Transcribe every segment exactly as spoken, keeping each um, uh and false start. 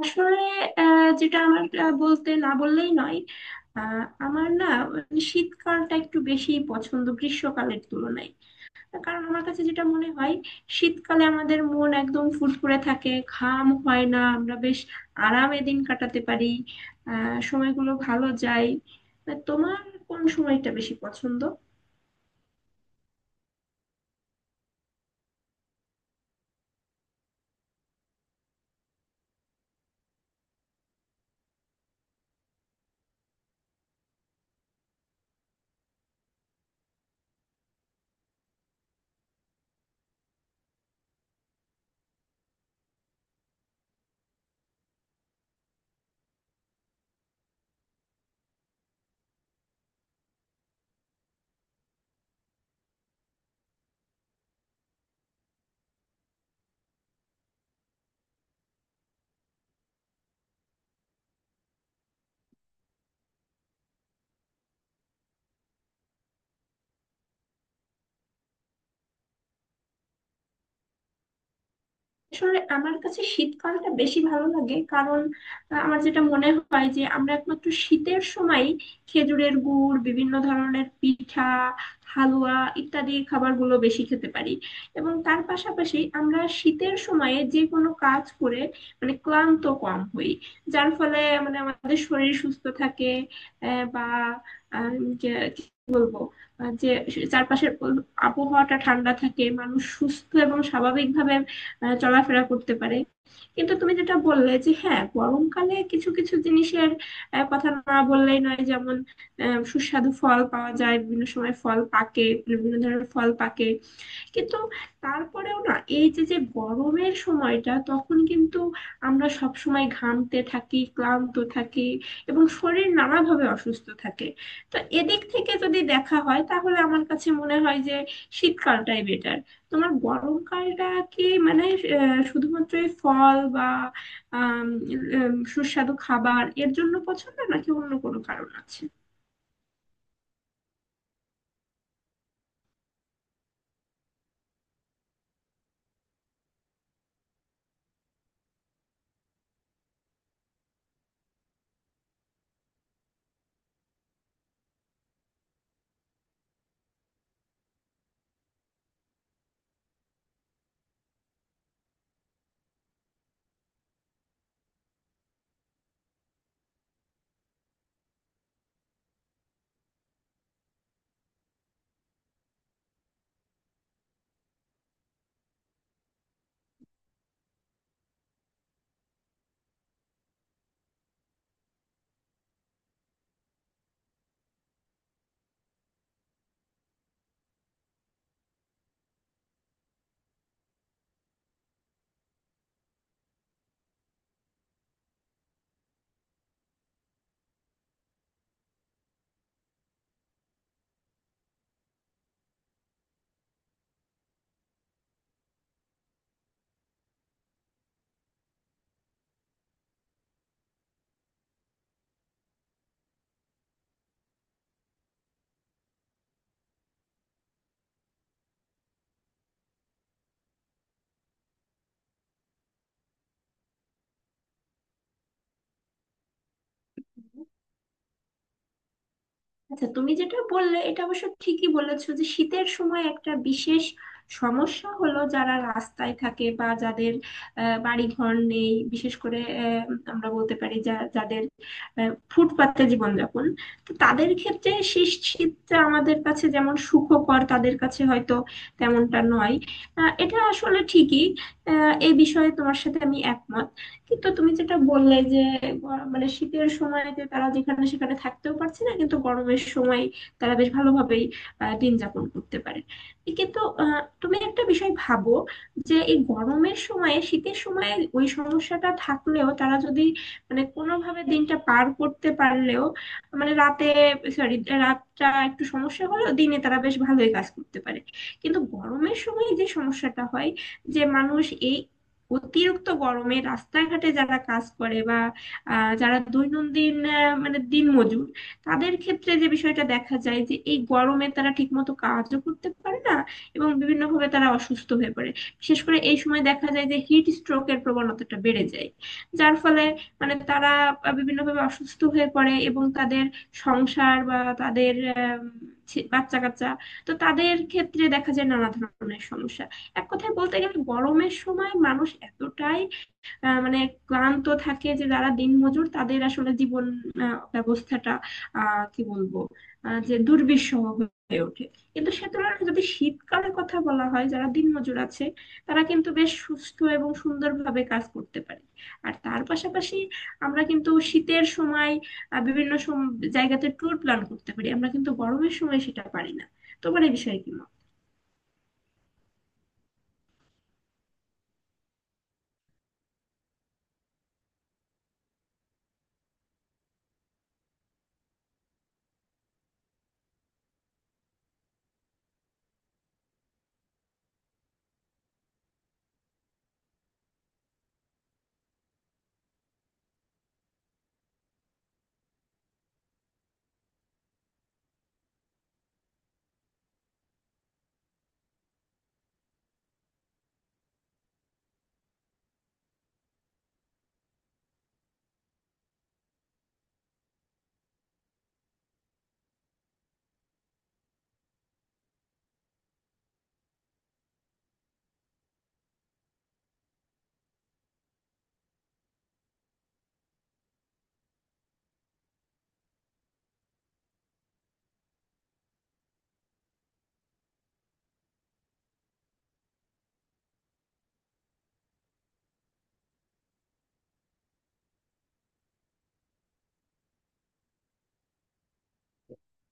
আসলে আহ, যেটা আমার আহ, বলতে না বললেই নয়। আহ, আমার না, মানে শীতকালটা একটু বেশি পছন্দ গ্রীষ্মকালের তুলনায়। কারণ আমার কাছে যেটা মনে হয়, শীতকালে আমাদের মন একদম ফুরফুরে থাকে, ঘাম হয় না, আমরা বেশ আরামে দিন কাটাতে পারি। আহ সময়গুলো ভালো যায়। তা তোমার কোন সময়টা বেশি পছন্দ? আসলে আমার কাছে শীতকালটা বেশি ভালো লাগে, কারণ আহ, আমার যেটা মনে হয় যে আমরা একমাত্র শীতের সময় খেজুরের গুড়, বিভিন্ন ধরনের পিঠা, হালুয়া ইত্যাদি খাবারগুলো বেশি খেতে পারি। এবং তার পাশাপাশি আমরা শীতের সময়ে যে কোনো কাজ করে মানে ক্লান্ত কম হই, যার ফলে মানে আমাদের শরীর সুস্থ থাকে। আহ, বা আহ, যে- কি বলবো, আহ, যে চারপাশের আবহাওয়াটা ঠান্ডা থাকে, মানুষ সুস্থ এবং স্বাভাবিকভাবে আহ, চলাফেরা করতে পারে। কিন্তু তুমি যেটা বললে যে হ্যাঁ, গরমকালে কিছু কিছু জিনিসের আহ, কথা না বললেই নয়, যেমন আহ, সুস্বাদু ফল পাওয়া যায়, বিভিন্ন সময় ফল পাকে, বিভিন্ন ধরনের ফল পাকে। কিন্তু তারপরেও না, এই যে যে গরমের সময়টা তখন কিন্তু আমরা সব সময় ঘামতে থাকি, ক্লান্ত থাকি, এবং শরীর নানাভাবে অসুস্থ থাকে। তো এদিক থেকে যদি দেখা হয় তাহলে আমার কাছে মনে হয় যে শীতকালটাই বেটার। তোমার গরমকালটা কি মানে আহ, শুধুমাত্র এই ফল বা আম, উম, সুস্বাদু খাবার এর জন্য পছন্দ, নাকি অন্য কোনো কারণ আছে? আচ্ছা, তুমি যেটা বললে এটা অবশ্য ঠিকই বলেছো, যে শীতের সময় একটা বিশেষ সমস্যা হলো যারা রাস্তায় থাকে বা যাদের আহ, বাড়ি ঘর নেই, বিশেষ করে আহ, আমরা বলতে পারি যা যাদের আহ, ফুটপাতে জীবনযাপন। তো তাদের ক্ষেত্রে শীত শীতটা আমাদের কাছে যেমন সুখকর, তাদের কাছে হয়তো তেমনটা নয়। আহ, এটা আসলে ঠিকই। আহ, এই বিষয়ে তোমার সাথে আমি একমত। কিন্তু তুমি যেটা বললে যে গ- মানে শীতের সময়তে তারা যেখানে সেখানে থাকতেও পারছে না, কিন্তু গরমের সময় তারা বেশ ভালোভাবেই আহ, দিন যাপন করতে পারে। কিন্তু আহ, তুমি একটা বিষয় ভাবো, যে এই গরমের সময়ে শীতের সময়ে ওই সমস্যাটা থাকলেও তারা যদি মানে কোনোভাবে দিনটা পার করতে পারলেও, মানে রাতে, সরি, রাতটা একটু সমস্যা হলেও দিনে তারা বেশ ভালোই কাজ করতে পারে। কিন্তু গরমের সময় যে সমস্যাটা হয়, যে মানুষ, এই অতিরিক্ত গরমে রাস্তাঘাটে যারা কাজ করে বা আহ, যারা দৈনন্দিন, আহ, মানে দিনমজুর, তাদের ক্ষেত্রে যে বিষয়টা দেখা যায় যে এই গরমে তারা ঠিকমতো কাজও করতে পারে না এবং বিভিন্নভাবে তারা অসুস্থ হয়ে পড়ে। বিশেষ করে এই সময় দেখা যায় যে হিট স্ট্রোকের প্রবণতাটা বেড়ে যায়, যার ফলে মানে তারা আহ, বিভিন্নভাবে অসুস্থ হয়ে পড়ে এবং তাদের সংসার বা তাদের আহ, ছে- বাচ্চা কাচ্চা, তো তাদের ক্ষেত্রে দেখা যায় নানা ধরনের সমস্যা। এক কথায় বলতে গেলে, গরমের সময় মানুষ এতটাই আহ, মানে ক্লান্ত থাকে যে যারা দিনমজুর তাদের আসলে জীবন আহ, ব্যবস্থাটা, আহ কি বলবো, আহ, যে দুর্বিষহ হয়ে ওঠে। কিন্তু সে তুলনায় যদি শীতকালের কথা বলা হয়, যারা দিনমজুর আছে তারা কিন্তু বেশ সুস্থ এবং সুন্দরভাবে কাজ করতে পারে। আর তার পাশাপাশি আমরা কিন্তু শীতের সময় আহ, বিভিন্ন সম- জায়গাতে ট্যুর প্ল্যান করতে পারি, আমরা কিন্তু গরমের সময় সেটা পারি না। তোমার এই বিষয়ে কি মত?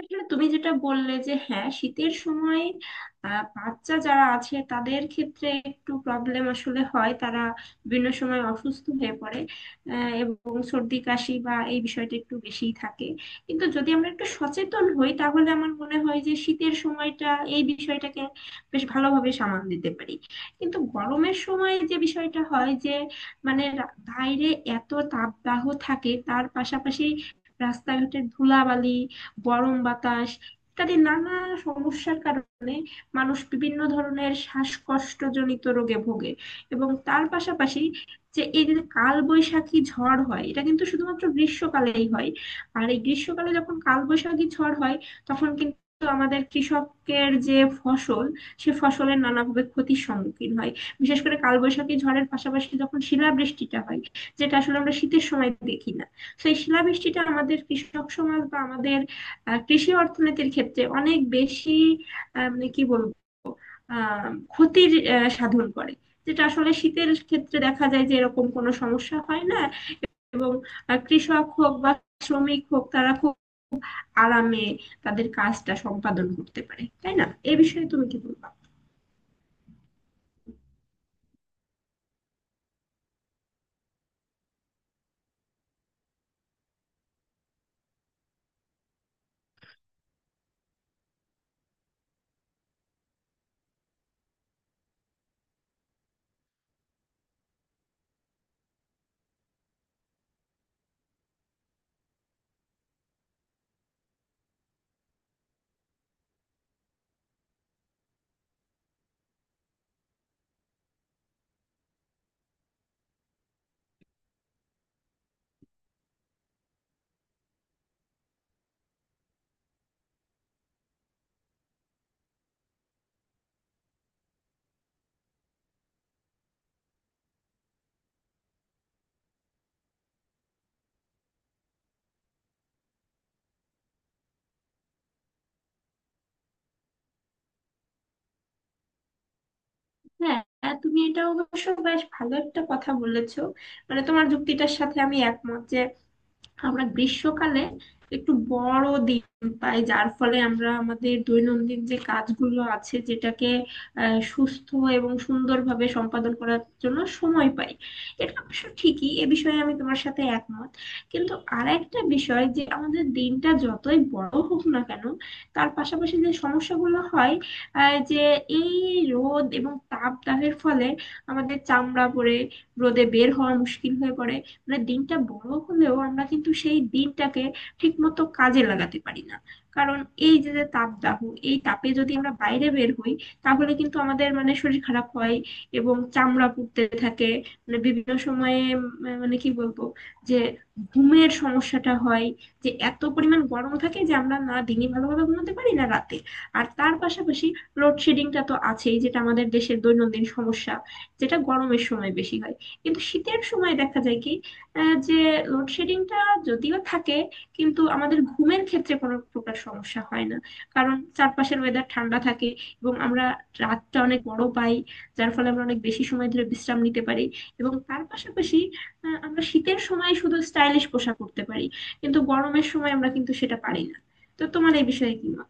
আসলে তুমি যেটা বললে যে হ্যাঁ, শীতের সময় আহ, বাচ্চা যারা আছে তাদের ক্ষেত্রে একটু প্রবলেম আসলে হয়, তারা বিভিন্ন সময় অসুস্থ হয়ে পড়ে, আহ, এবং সর্দি কাশি বা এই বিষয়টা একটু বেশিই থাকে। কিন্তু যদি আমরা একটু সচেতন হই তাহলে আমার মনে হয় যে শীতের সময়টা এই বিষয়টাকে বেশ ভালোভাবে সামাল দিতে পারি। কিন্তু গরমের সময় যে বিষয়টা হয়, যে মানে রা- বাইরে এত তাপদাহ থাকে, তার পাশাপাশি রাস্তাঘাটের ধুলাবালি, গরম বাতাস ইত্যাদি নানা সমস্যার কারণে মানুষ বিভিন্ন ধরনের শ্বাসকষ্টজনিত রোগে ভোগে। এবং তার পাশাপাশি, যে এই যে কালবৈশাখী ঝড় হয় এটা কিন্তু শুধুমাত্র গ্রীষ্মকালেই হয়। আর এই গ্রীষ্মকালে যখন কালবৈশাখী ঝড় হয়, তখন কিন্তু আমাদের কৃষকের যে ফসল, সে ফসলের নানাভাবে ক্ষতির সম্মুখীন হয়। বিশেষ করে কালবৈশাখী ঝড়ের পাশাপাশি যখন শিলাবৃষ্টিটা হয়, যেটা আসলে আমরা শীতের সময় দেখি না। তো এই শিলাবৃষ্টিটা আমাদের কৃষক সমাজ বা আমাদের আহ, কৃষি অর্থনীতির ক্ষেত্রে অনেক বেশি, আহ, মানে কি বলবো, আহ, ক্ষতির আহ, সাধন করে, যেটা আসলে শীতের ক্ষেত্রে দেখা যায় যে এরকম কোনো সমস্যা হয় না। এবং আহ, কৃষক হোক বা শ্রমিক হোক, তারা খুব আরামে তাদের কাজটা সম্পাদন করতে পারে, তাই না? এ বিষয়ে তুমি কি বলবা? হ্যাঁ, হ্যাঁ, তুমি এটা অবশ্য বেশ ভালো একটা কথা বলেছো। মানে তোমার যুক্তিটার সাথে আমি একমত যে আমরা গ্রীষ্মকালে একটু বড় দিন পাই, যার ফলে আমরা আমাদের দৈনন্দিন যে কাজগুলো আছে যেটাকে আহ, সুস্থ এবং সুন্দরভাবে সম্পাদন করার জন্য সময় পাই। এটা অবশ্য ঠিকই, এ বিষয়ে আমি তোমার সাথে একমত। কিন্তু আর একটা বিষয়, যে আমাদের দিনটা যতই বড় হোক না কেন, তার পাশাপাশি যে সমস্যাগুলো হয়, আহ, যে এই রোদ এবং তাপদাহের ফলে আমাদের চামড়া পড়ে, রোদে বের হওয়া মুশকিল হয়ে পড়ে। মানে দিনটা বড় হলেও আমরা কিন্তু সেই দিনটাকে ঠিকমতো কাজে লাগাতে পারি না, কারণ এই যে যে তাপদাহ, এই তাপে যদি আমরা বাইরে বের হই তাহলে কিন্তু আমাদের মানে শরীর খারাপ হয় এবং চামড়া পুড়তে থাকে। মানে বিভিন্ন সময়ে উম, মানে কি বলবো, যে ঘুমের সমস্যাটা হয়, যে এত পরিমাণ গরম থাকে যে আমরা না দিনে ভালোভাবে ঘুমাতে পারি, না রাতে। আর তার পাশাপাশি লোডশেডিংটা তো আছেই, যেটা আমাদের দেশের দৈনন্দিন সমস্যা, যেটা গরমের সময় বেশি হয়। কিন্তু শীতের সময় দেখা যায় কি, আহ, যে লোডশেডিংটা যদিও থাকে, কিন্তু আমাদের ঘুমের ক্ষেত্রে কোনো প্রকার সমস্যা হয় না। কারণ চারপাশের ওয়েদার ঠান্ডা থাকে, এবং আমরা রাতটা অনেক বড় পাই, যার ফলে আমরা অনেক বেশি সময় ধরে বিশ্রাম নিতে পারি। এবং তার পাশাপাশি আহ, আমরা শীতের সময় শুধু স্টাইলিশ পোশাক পরতে পারি, কিন্তু গরমের সময় আমরা কিন্তু সেটা পারি না। তো তোমার এই বিষয়ে কি মত?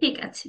ঠিক আছে।